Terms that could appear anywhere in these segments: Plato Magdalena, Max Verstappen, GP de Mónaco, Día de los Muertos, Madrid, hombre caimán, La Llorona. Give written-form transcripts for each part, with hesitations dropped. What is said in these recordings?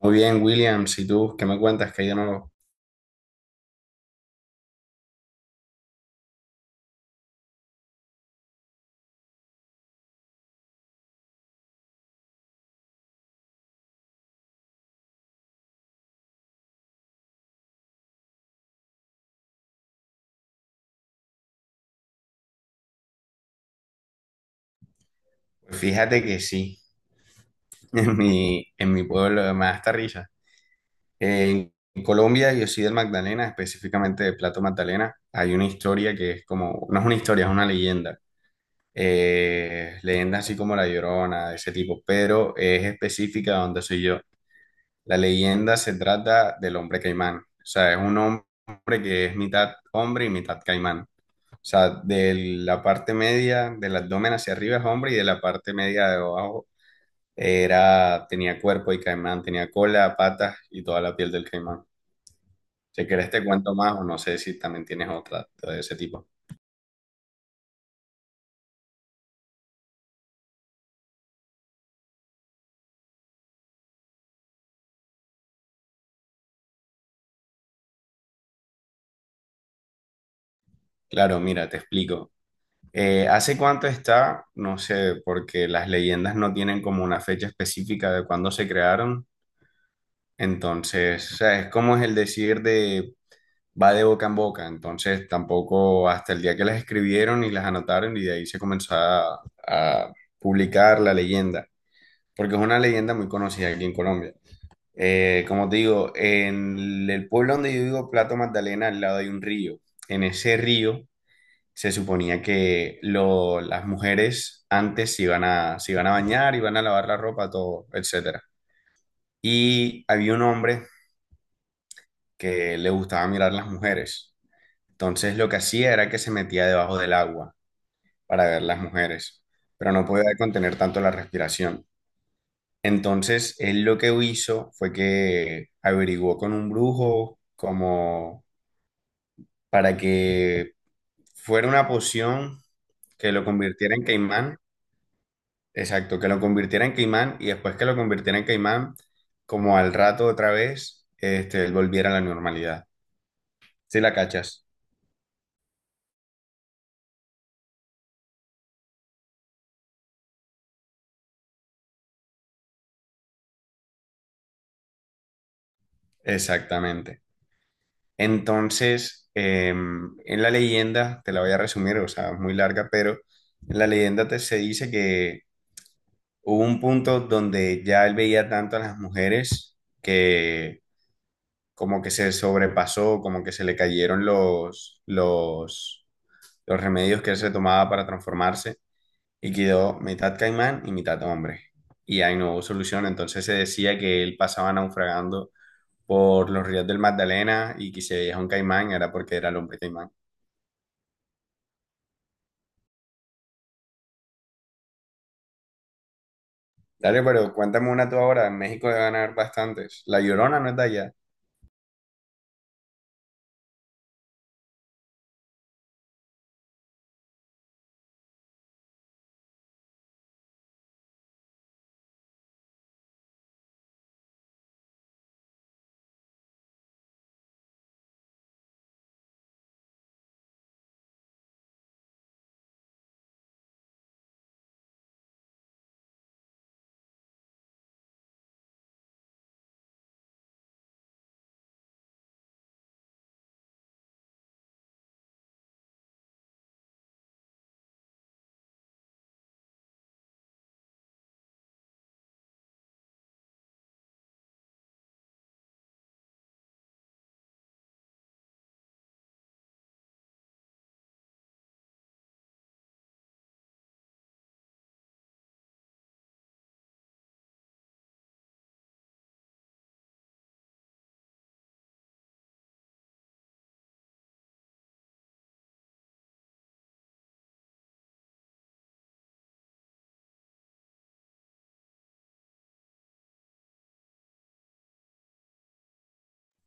Muy bien, Williams, ¿y tú qué me cuentas que hay de nuevo? Pues fíjate que sí, en mi pueblo me da hasta risa. En Colombia, yo soy del Magdalena, específicamente de Plato Magdalena. Hay una historia que es como, no es una historia, es una leyenda. Leyenda así como La Llorona, de ese tipo, pero es específica de donde soy yo. La leyenda se trata del hombre caimán. O sea, es un hombre que es mitad hombre y mitad caimán. O sea, de la parte media del abdomen hacia arriba es hombre y de la parte media de abajo era, tenía cuerpo y caimán, tenía cola, patas y toda la piel del caimán. Si querés te cuento más o no sé si también tienes otra de ese tipo. Claro, mira, te explico. ¿Hace cuánto está? No sé, porque las leyendas no tienen como una fecha específica de cuándo se crearon. Entonces, o sea, es como es el decir de va de boca en boca, entonces tampoco hasta el día que las escribieron y las anotaron y de ahí se comenzó a publicar la leyenda, porque es una leyenda muy conocida aquí en Colombia. Como te digo, en el pueblo donde yo vivo, Plato Magdalena, al lado hay un río. En ese río se suponía que las mujeres antes se iban a bañar, iban a lavar la ropa, todo, etcétera. Y había un hombre que le gustaba mirar las mujeres. Entonces lo que hacía era que se metía debajo del agua para ver las mujeres, pero no podía contener tanto la respiración. Entonces él lo que hizo fue que averiguó con un brujo como para que fuera una poción que lo convirtiera en caimán, exacto, que lo convirtiera en caimán y después que lo convirtiera en caimán, como al rato otra vez, este, él volviera a la normalidad. ¿Sí la cachas? Exactamente. Entonces, en la leyenda, te la voy a resumir, o sea, es muy larga, pero en la leyenda te, se dice que hubo un punto donde ya él veía tanto a las mujeres que como que se sobrepasó, como que se le cayeron los remedios que él se tomaba para transformarse y quedó mitad caimán y mitad hombre. Y ahí no hubo solución, entonces se decía que él pasaba naufragando por los ríos del Magdalena y que si veía un caimán era porque era el hombre caimán. Dale, pero cuéntame una tú ahora. México debe ganar bastantes. La Llorona no es de allá.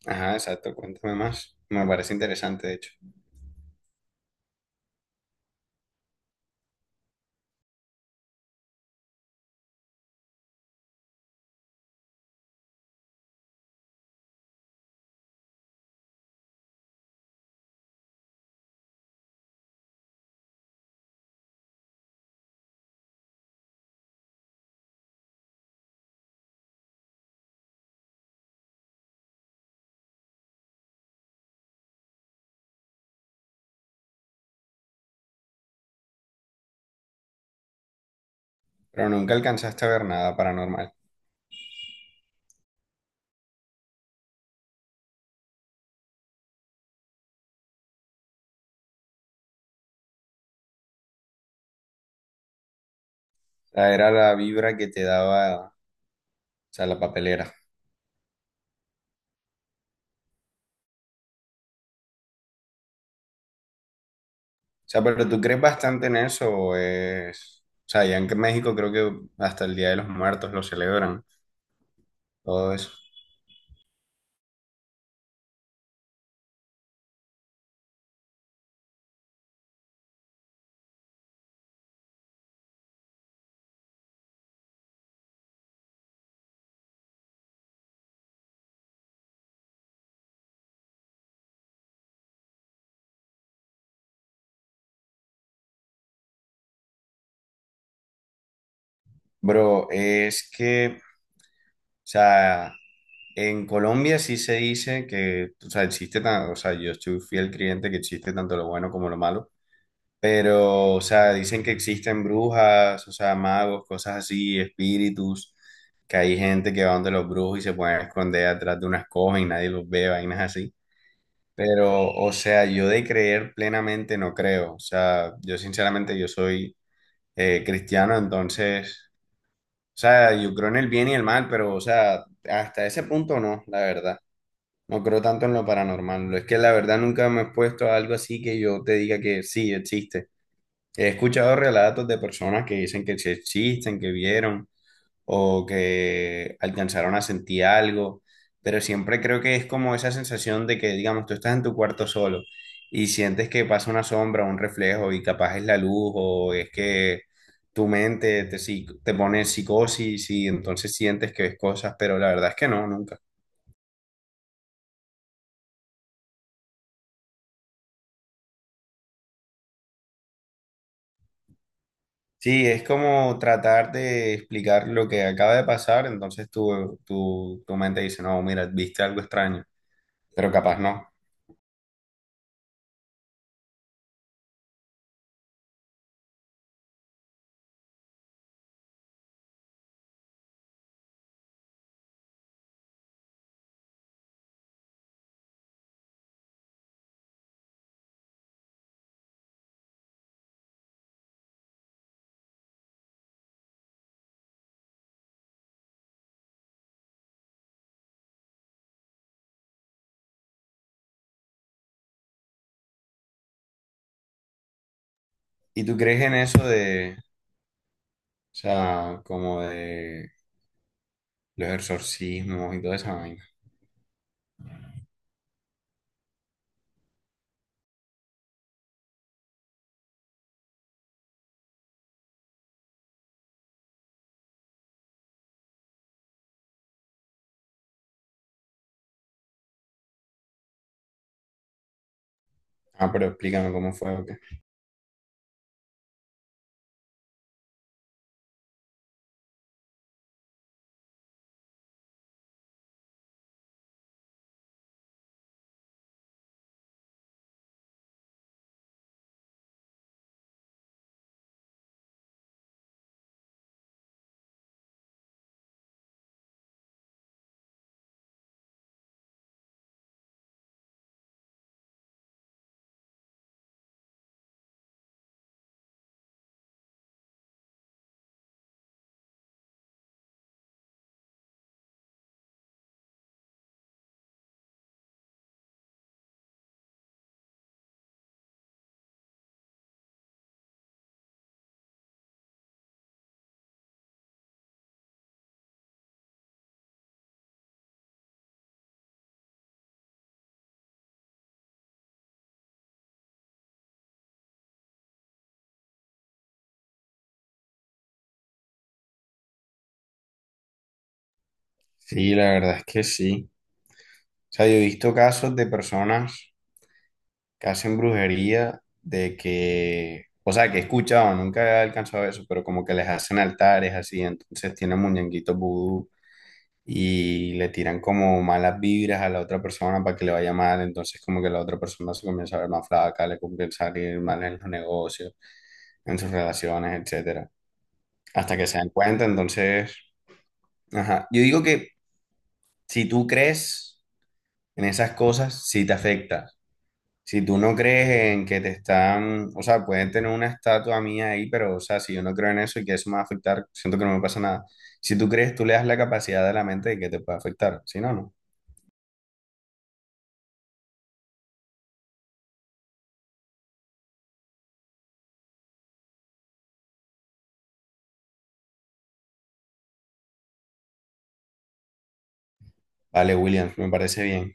Ajá, exacto. Cuéntame más. Me parece interesante, de hecho. Pero nunca alcanzaste a ver nada paranormal. O sea, era la vibra que te daba, o sea, la papelera. O sea, pero tú crees bastante en eso o es... O sea, ya en México creo que hasta el Día de los Muertos lo celebran. Todo eso. Bro, es que, o sea, en Colombia sí se dice que, o sea, existe, o sea, yo estoy fiel creyente que existe tanto lo bueno como lo malo. Pero, o sea, dicen que existen brujas, o sea, magos, cosas así, espíritus, que hay gente que va donde los brujos y se pueden esconder atrás de unas cosas y nadie los ve, vainas así. Pero, o sea, yo de creer plenamente no creo. O sea, yo sinceramente yo soy cristiano, entonces, o sea, yo creo en el bien y el mal, pero, o sea, hasta ese punto no, la verdad. No creo tanto en lo paranormal. Es que la verdad nunca me he expuesto a algo así que yo te diga que sí existe. He escuchado relatos de personas que dicen que sí existen, que vieron o que alcanzaron a sentir algo, pero siempre creo que es como esa sensación de que, digamos, tú estás en tu cuarto solo y sientes que pasa una sombra, un reflejo y capaz es la luz o es que tu mente te pone en psicosis y entonces sientes que ves cosas, pero la verdad es que no, nunca. Sí, es como tratar de explicar lo que acaba de pasar, entonces tu mente dice, no, mira, viste algo extraño. Pero capaz no. ¿Y tú crees en eso de, o sea, como de los exorcismos y toda esa vaina? Ah, pero explícame cómo fue. O qué. Sí, la verdad es que sí. O sea, yo he visto casos de personas que hacen brujería de que, o sea, que he escuchado, nunca he alcanzado eso, pero como que les hacen altares así, entonces tienen muñequitos vudú y le tiran como malas vibras a la otra persona para que le vaya mal, entonces como que la otra persona se comienza a ver más flaca, le comienza a ir mal en los negocios, en sus relaciones, etcétera, hasta que se dan cuenta. Entonces, ajá. Yo digo que si tú crees en esas cosas, sí te afecta. Si tú no crees en que te están, o sea, pueden tener una estatua mía ahí, pero, o sea, si yo no creo en eso y que eso me va a afectar, siento que no me pasa nada. Si tú crees, tú le das la capacidad de la mente de que te pueda afectar. Si no, no. Vale, William, me parece bien.